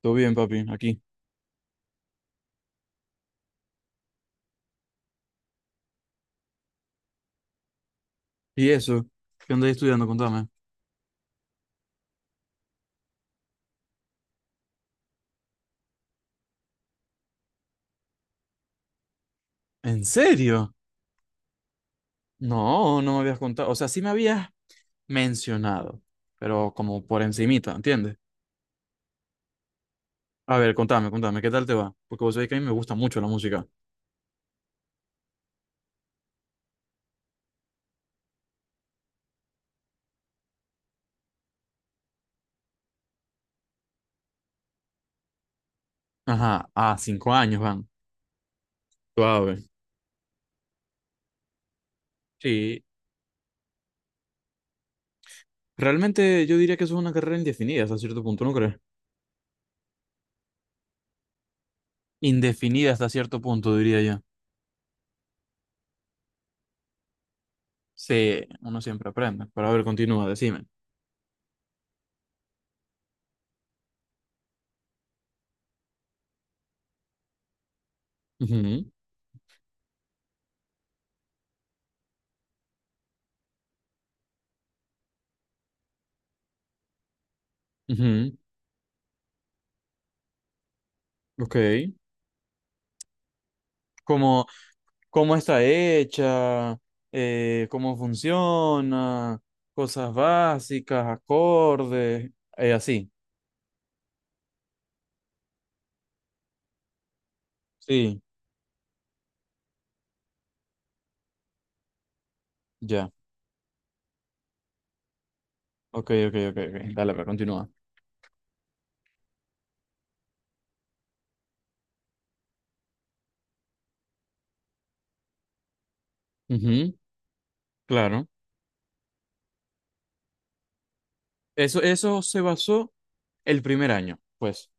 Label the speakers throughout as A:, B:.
A: Todo bien, papi, aquí. ¿Y eso? ¿Qué andáis estudiando? Contame. ¿En serio? No, no me habías contado. O sea, sí me habías mencionado, pero como por encimita, ¿entiendes? A ver, contame, contame, ¿qué tal te va? Porque vos sabés que a mí me gusta mucho la música. Ajá, a 5 años van. Suave. Sí. Realmente yo diría que eso es una carrera indefinida hasta cierto punto, ¿no crees? Indefinida hasta cierto punto, diría yo. Sí, uno siempre aprende. Pero a ver, continúa, decime. Ujú, ujú. Ok. Como, cómo está hecha, cómo funciona, cosas básicas, acordes, así. Sí, ya. Ok, ok, ok, ok. Dale, pero continúa. Ujú, claro. Eso se basó el primer año, pues.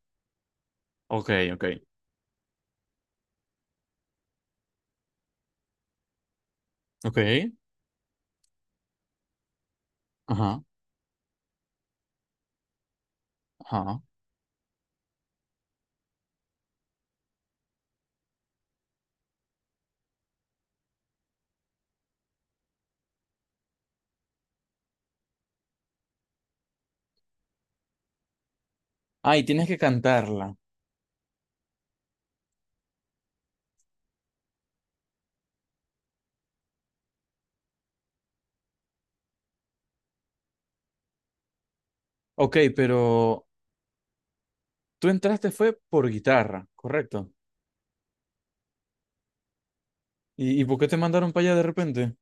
A: Ok, ok. Ok. Ajá, ajá. Ah, y tienes que cantarla. Ok, pero tú entraste fue por guitarra, correcto. ¿Y por qué te mandaron para allá de repente?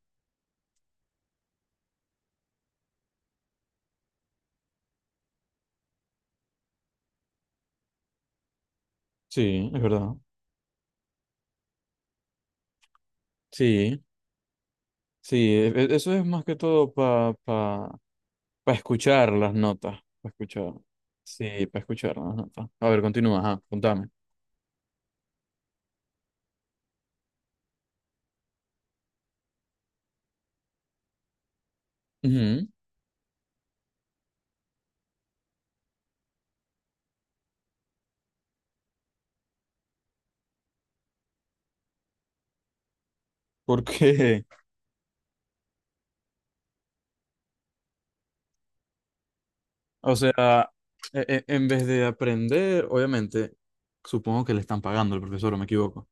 A: Sí, es verdad. Sí. Sí, eso es más que todo para pa, pa pa escuchar las notas, para escuchar. Sí, para escuchar las notas. A ver, continúa, ajá, contame. Ujú. Porque, o sea, en vez de aprender, obviamente, supongo que le están pagando al profesor, ¿o me equivoco?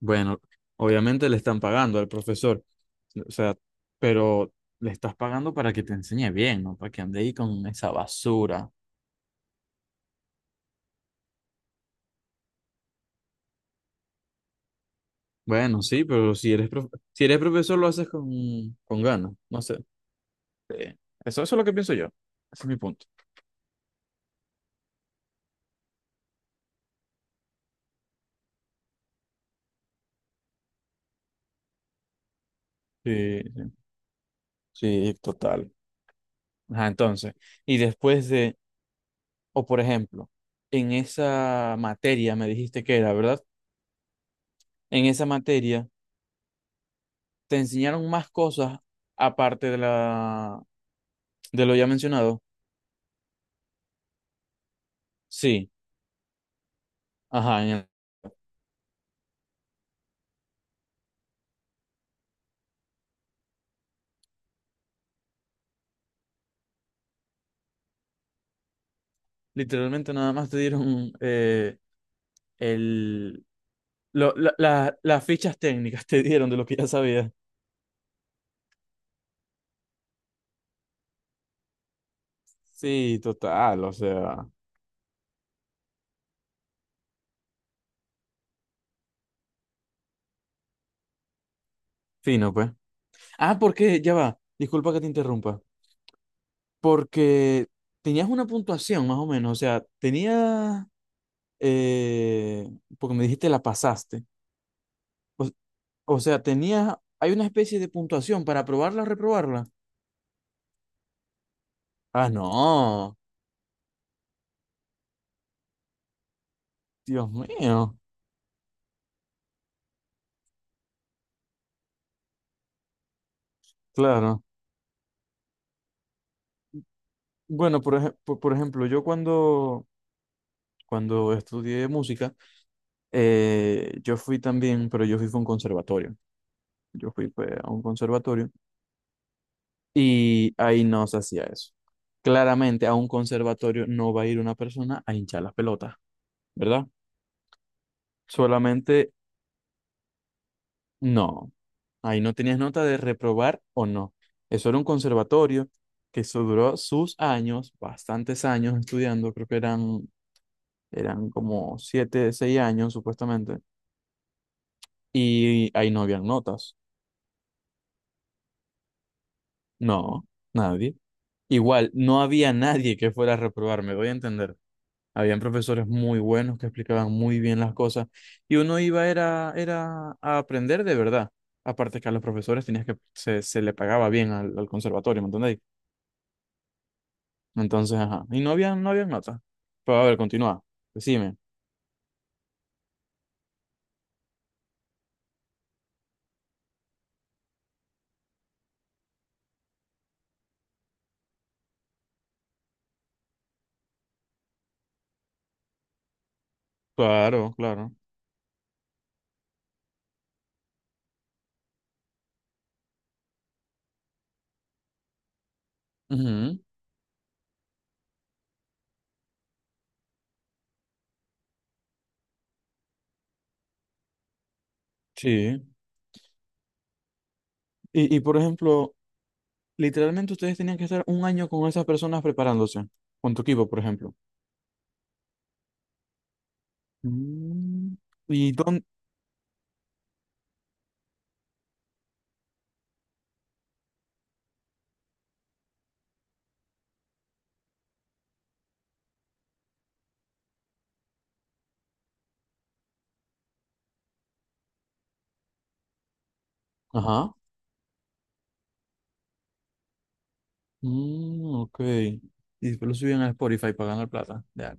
A: Bueno, obviamente le están pagando al profesor, o sea, pero le estás pagando para que te enseñe bien, ¿no? Para que ande ahí con esa basura. Bueno, sí, pero si eres profesor lo haces con, ganas, no sé. Eso es lo que pienso yo. Ese es mi punto. Sí, sí, sí, total. Ajá, entonces, y después de, o por ejemplo, en esa materia me dijiste que era, ¿verdad? En esa materia te enseñaron más cosas aparte de lo ya mencionado. Sí, ajá, literalmente nada más te dieron el lo- la- la- las fichas técnicas te dieron de lo que ya sabías. Sí, total, o sea, fino, pues. Ah, porque, ya va, disculpa que te interrumpa, porque tenías una puntuación más o menos, o sea, tenías, eh, porque me dijiste la pasaste, o, o sea, tenías, hay una especie de puntuación para aprobarla o reprobarla. Ah, no, Dios mío, claro. Bueno, por ejemplo, yo cuando estudié música, yo fui también, pero yo fui a un conservatorio, yo fui pues, a un conservatorio. Y ahí no se hacía eso. Claramente a un conservatorio no va a ir una persona a hinchar las pelotas, ¿verdad? Solamente no. Ahí no tenías nota de reprobar o no. Eso era un conservatorio que eso duró sus años, bastantes años estudiando, creo que eran como 7, 6 años supuestamente. Y ahí no habían notas. No, nadie. Igual, no había nadie que fuera a reprobar, me doy a entender. Habían profesores muy buenos que explicaban muy bien las cosas y uno iba era a aprender de verdad. Aparte que a los profesores tenías que se le pagaba bien al conservatorio, ¿me entendéis? Entonces, ajá. Y no había notas. Pero a ver, continúa. Decime. Claro, claro. Ujú. Sí. Y por ejemplo, literalmente ustedes tenían que estar un año con esas personas preparándose, con tu equipo, por ejemplo. Mm, ¿Y dónde? Ajá. Mm, ok. Y después lo subían a Spotify para ganar plata. Ya.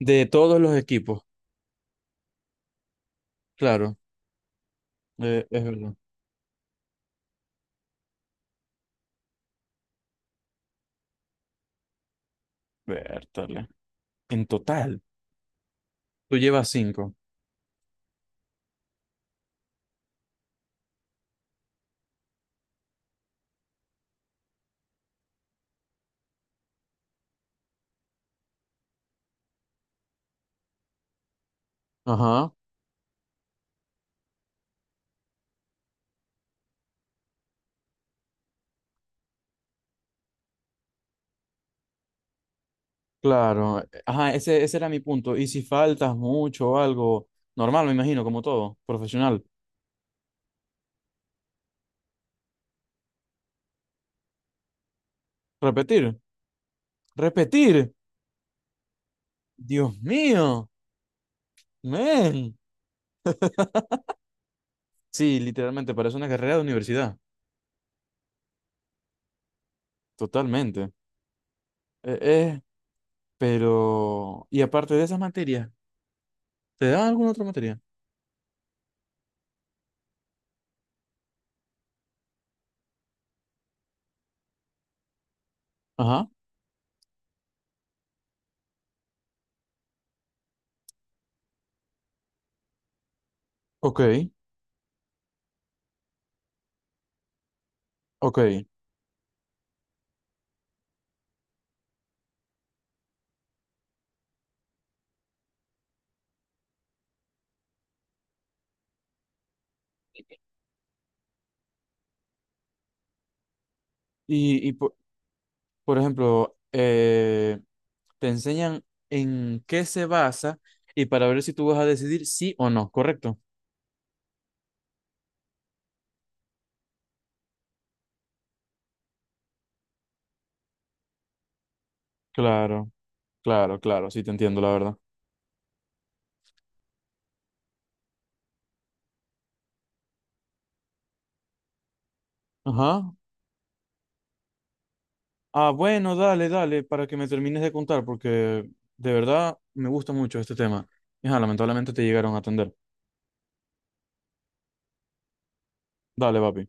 A: De todos los equipos, claro. Es verdad. Vértale. En total, tú llevas cinco. Ajá, claro. Ajá, ese era mi punto. Y si faltas mucho o algo, normal, me imagino, como todo, profesional. Repetir, repetir. Dios mío, men. Sí, literalmente, parece una carrera de universidad. Totalmente. Eh, eh, pero, y aparte de esas materias, ¿te daban alguna otra materia? Ajá, ok, ok. Y por ejemplo, te enseñan en qué se basa y para ver si tú vas a decidir sí o no, ¿correcto? Claro, claro, claro, sí te entiendo, la verdad. Ajá. Ah, bueno, dale, dale, para que me termines de contar, porque de verdad me gusta mucho este tema. Ajá, lamentablemente te llegaron a atender. Dale, papi.